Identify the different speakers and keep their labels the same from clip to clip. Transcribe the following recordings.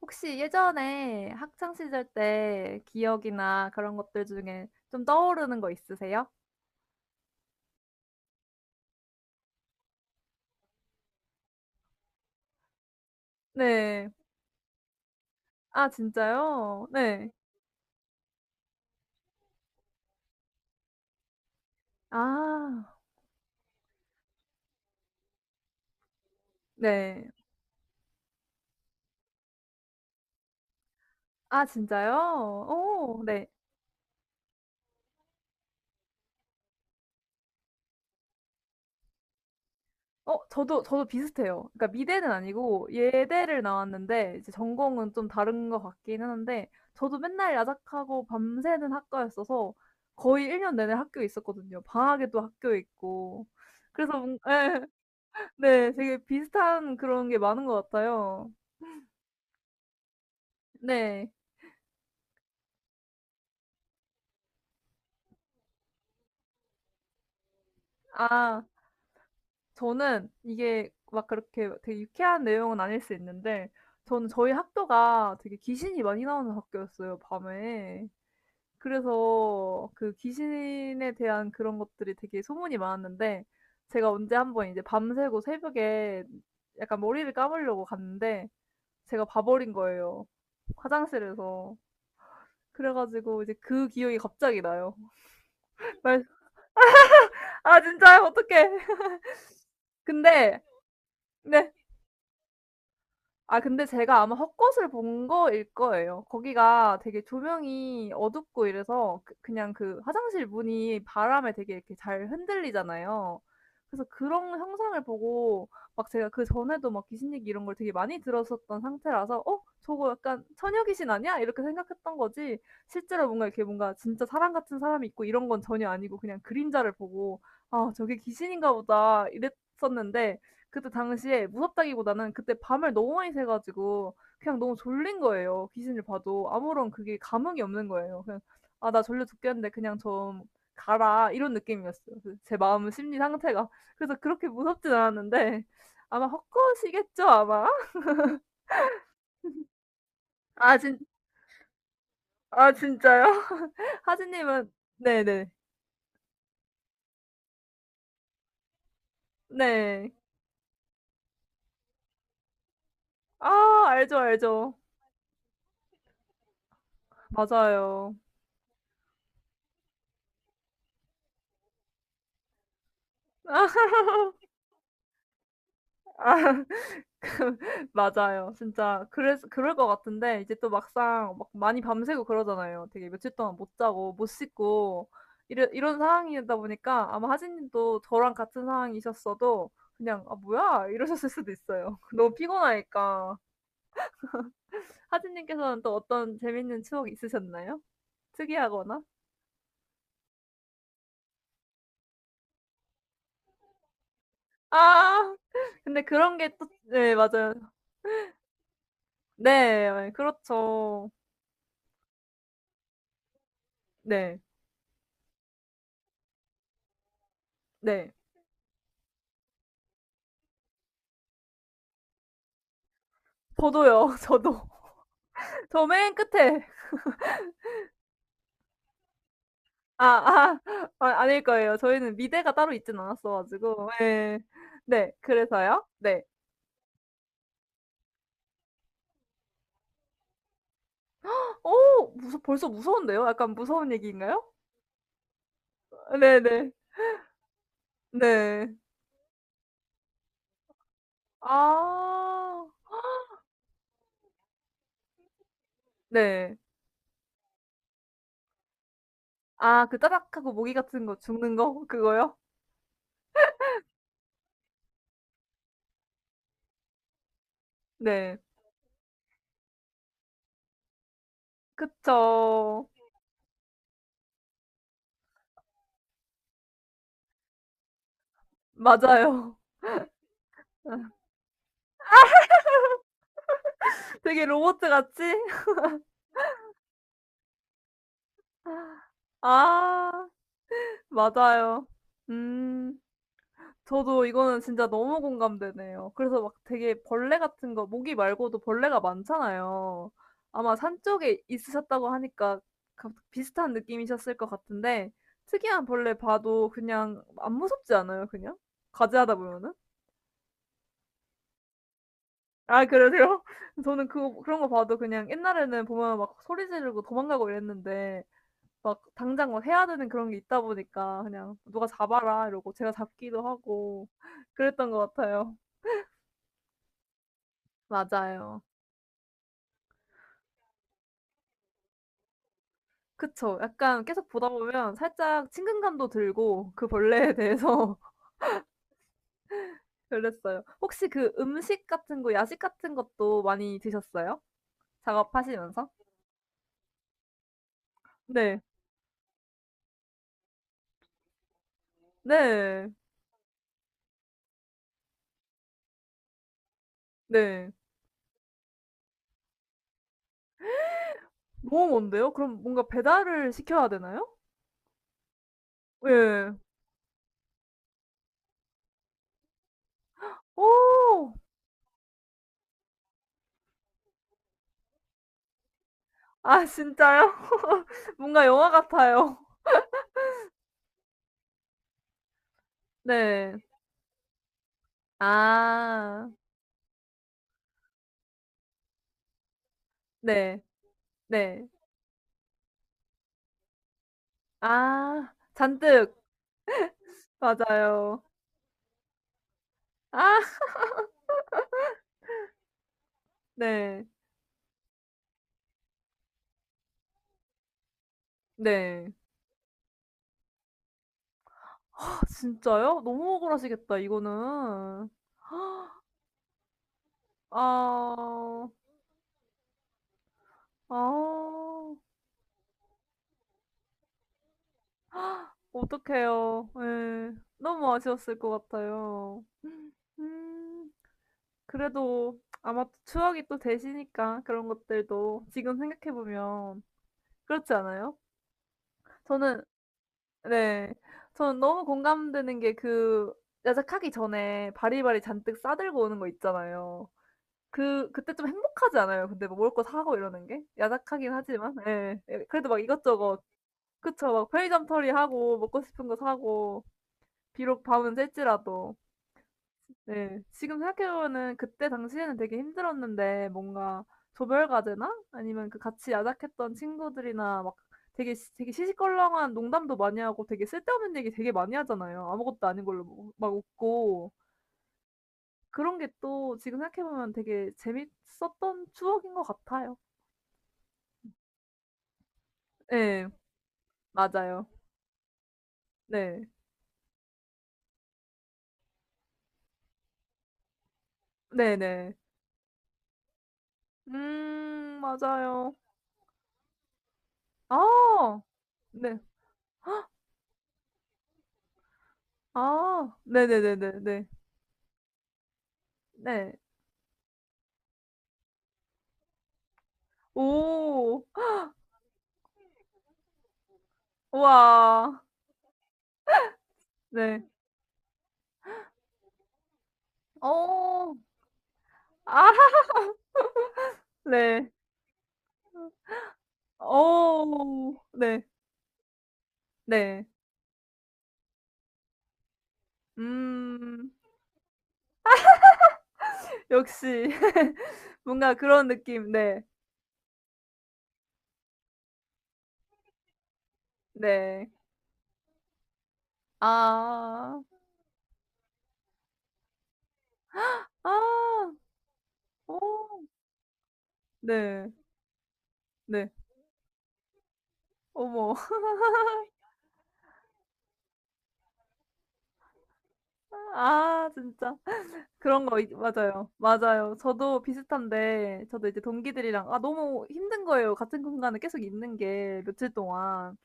Speaker 1: 혹시 예전에 학창 시절 때 기억이나 그런 것들 중에 좀 떠오르는 거 있으세요? 네. 아 진짜요? 네. 아. 네. 아 진짜요? 오 네. 어 저도 비슷해요. 그러니까 미대는 아니고 예대를 나왔는데 이제 전공은 좀 다른 것 같기는 한데 저도 맨날 야작하고 밤새는 학과였어서 거의 1년 내내 학교에 있었거든요. 방학에도 학교에 있고. 그래서 뭔 예. 네. 되게 비슷한 그런 게 많은 것 같아요. 네. 아 저는 이게 막 그렇게 되게 유쾌한 내용은 아닐 수 있는데 저는 저희 학교가 되게 귀신이 많이 나오는 학교였어요 밤에. 그래서 그 귀신에 대한 그런 것들이 되게 소문이 많았는데 제가 언제 한번 이제 밤새고 새벽에 약간 머리를 감으려고 갔는데 제가 봐 버린 거예요 화장실에서. 그래 가지고 이제 그 기억이 갑자기 나요. 말, 아 진짜요? 어떡해. 근데 네. 아 근데 제가 아마 헛것을 본 거일 거예요. 거기가 되게 조명이 어둡고 이래서 그 그냥 그 화장실 문이 바람에 되게 이렇게 잘 흔들리잖아요. 그래서 그런 형상을 보고 막 제가 그전에도 막 귀신 얘기 이런 걸 되게 많이 들었었던 상태라서 '어 저거 약간 처녀 귀신 아니야?' 이렇게 생각했던 거지 실제로 뭔가 이렇게 뭔가 진짜 사람 같은 사람이 있고 이런 건 전혀 아니고 그냥 그림자를 보고 '아 저게 귀신인가 보다.' 이랬었는데 그때 당시에 무섭다기보다는 그때 밤을 너무 많이 새 가지고 그냥 너무 졸린 거예요. 귀신을 봐도 아무런 그게 감흥이 없는 거예요. 그냥 '아 나 졸려 죽겠는데 그냥 좀 가라.' 이런 느낌이었어요. 그제 마음 심리 상태가. 그래서 그렇게 무섭진 않았는데 아마 헛것이겠죠 아마? 아 진 아 진짜요? 하진 님은 네네. 네. 아 알죠, 알죠. 맞아요. 맞아요. 진짜 그래서 그럴 것 같은데 이제 또 막상 막 많이 밤새고 그러잖아요. 되게 며칠 동안 못 자고 못 씻고 이런 상황이다 보니까 아마 하진 님도 저랑 같은 상황이셨어도 그냥 '아 뭐야?' 이러셨을 수도 있어요. 너무 피곤하니까. 하진 님께서는 또 어떤 재밌는 추억 있으셨나요? 특이하거나? 아. 근데 그런 게 또 네 맞아요. 네. 네, 그렇죠. 네. 네. 저도요. 저도. 저 맨 끝에. 아. 아 아, 아닐 거예요. 저희는 미대가 따로 있진 않았어 가지고. 예. 네. 그래서요. 네. 어 무서 벌써 무서운데요? 약간 무서운 얘기인가요? 네네. 네. 아. 네. 아 그 짜작하고 모기 같은 거 죽는 거? 그거요? 네. 그쵸. 맞아요. 되게 로봇 같이? 아 맞아요. 음. 저도 이거는 진짜 너무 공감되네요. 그래서 막 되게 벌레 같은 거 모기 말고도 벌레가 많잖아요. 아마 산 쪽에 있으셨다고 하니까 가- 비슷한 느낌이셨을 것 같은데 특이한 벌레 봐도 그냥 안 무섭지 않아요, 그냥? 과제하다 보면은? 아, 그러세요? 저는 그 그런 거 봐도 그냥 옛날에는 보면 막 소리 지르고 도망가고 이랬는데 막 당장 막 해야 되는 그런 게 있다 보니까 그냥 누가 잡아라 이러고 제가 잡기도 하고 그랬던 것 같아요. 맞아요. 그쵸. 약간 계속 보다 보면 살짝 친근감도 들고 그 벌레에 대해서 그랬어요. 혹시 그 음식 같은 거 야식 같은 것도 많이 드셨어요? 작업하시면서? 네. 네. 네. 너무 먼데요? 그럼 뭔가 배달을 시켜야 되나요? 예. 오, 아 진짜요? 뭔가 영화 같아요. 네. 아. 네. 네. 아. 잔뜩. 맞아요. 아. 네. 네. 아 진짜요? 너무 억울하시겠다 이거는. 아. 아. 어떡해요. 예. 너무 아쉬웠을 것 같아요. 음. 그래도 아마 추억이 또 되시니까 그런 것들도 지금 생각해 보면 그렇지 않아요? 저는 네. 저는 너무 공감되는 게 그 야작하기 전에 바리바리 잔뜩 싸 들고 오는 거 있잖아요. 그 그때 좀 행복하지 않아요? 근데 뭐 먹을 거 사고 이러는 게? 야작하긴 하지만 예. 예 그래도 막 이것저것 그쵸. 막 편의점 털이하고 먹고 싶은 거 사고 비록 밤은 셀지라도. 네. 지금 생각해 보면은 그때 당시에는 되게 힘들었는데 뭔가 조별 과제나 아니면 그 같이 야작했던 친구들이나 막 되게 시시껄렁한 농담도 많이 하고 되게 쓸데없는 얘기 되게 많이 하잖아요. 아무것도 아닌 걸로 뭐 막 웃고. 그런 게 또 지금 생각해 보면 되게 재밌었던 추억인 것 같아요. 네 맞아요. 네. 네네. 맞아요. 아 네. 아 네네네네 네. 네. 네, 네. 네. 오. 우와. 네. 어. 아 네. 어. 네. 네. 음. 역시 뭔가 그런 느낌. 네. 네. 아. 아. 어. 네. 네. 어머. 아 진짜. 그런 거 있 맞아요. 맞아요. 저도 비슷한데 저도 이제 동기들이랑 아 너무 힘든 거예요, 같은 공간에 계속 있는 게 며칠 동안.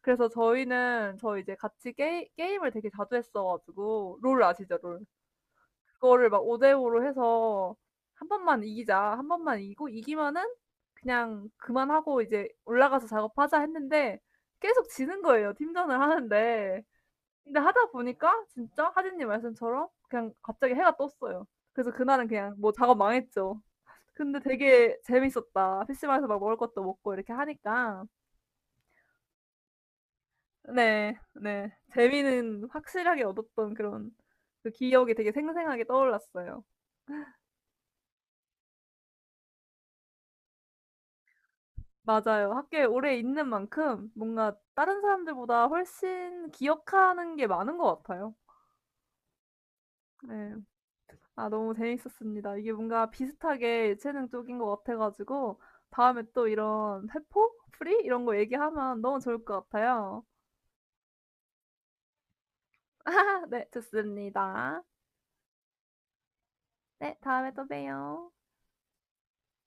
Speaker 1: 그래서 저희는 저 이제 같이 게 게임을 되게 자주 했어 가지고 롤 아시죠? 롤. 그거를 막 5 대5로 해서 한 번만 이기자. 한 번만 이기고 이기면은 그냥 그만하고 이제 '올라가서 작업하자.' 했는데 계속 지는 거예요, 팀전을 하는데. 근데 하다 보니까 진짜 하진님 말씀처럼 그냥 갑자기 해가 떴어요. 그래서 그날은 그냥 뭐 작업 망했죠. 근데 되게 재밌었다. PC방에서 막 먹을 것도 먹고 이렇게 하니까. 네, 네. 재미는 확실하게 얻었던 그런 그 기억이 되게 생생하게 떠올랐어요. 맞아요. 학교에 오래 있는 만큼 뭔가 다른 사람들보다 훨씬 기억하는 게 많은 것 같아요. 네, 아, 너무 재밌었습니다. 이게 뭔가 비슷하게 예체능 쪽인 것 같아가지고, 다음에 또 이런 세포? 프리? 이런 거 얘기하면 너무 좋을 것 같아요. 아, 네, 좋습니다. 네, 다음에 또 봬요.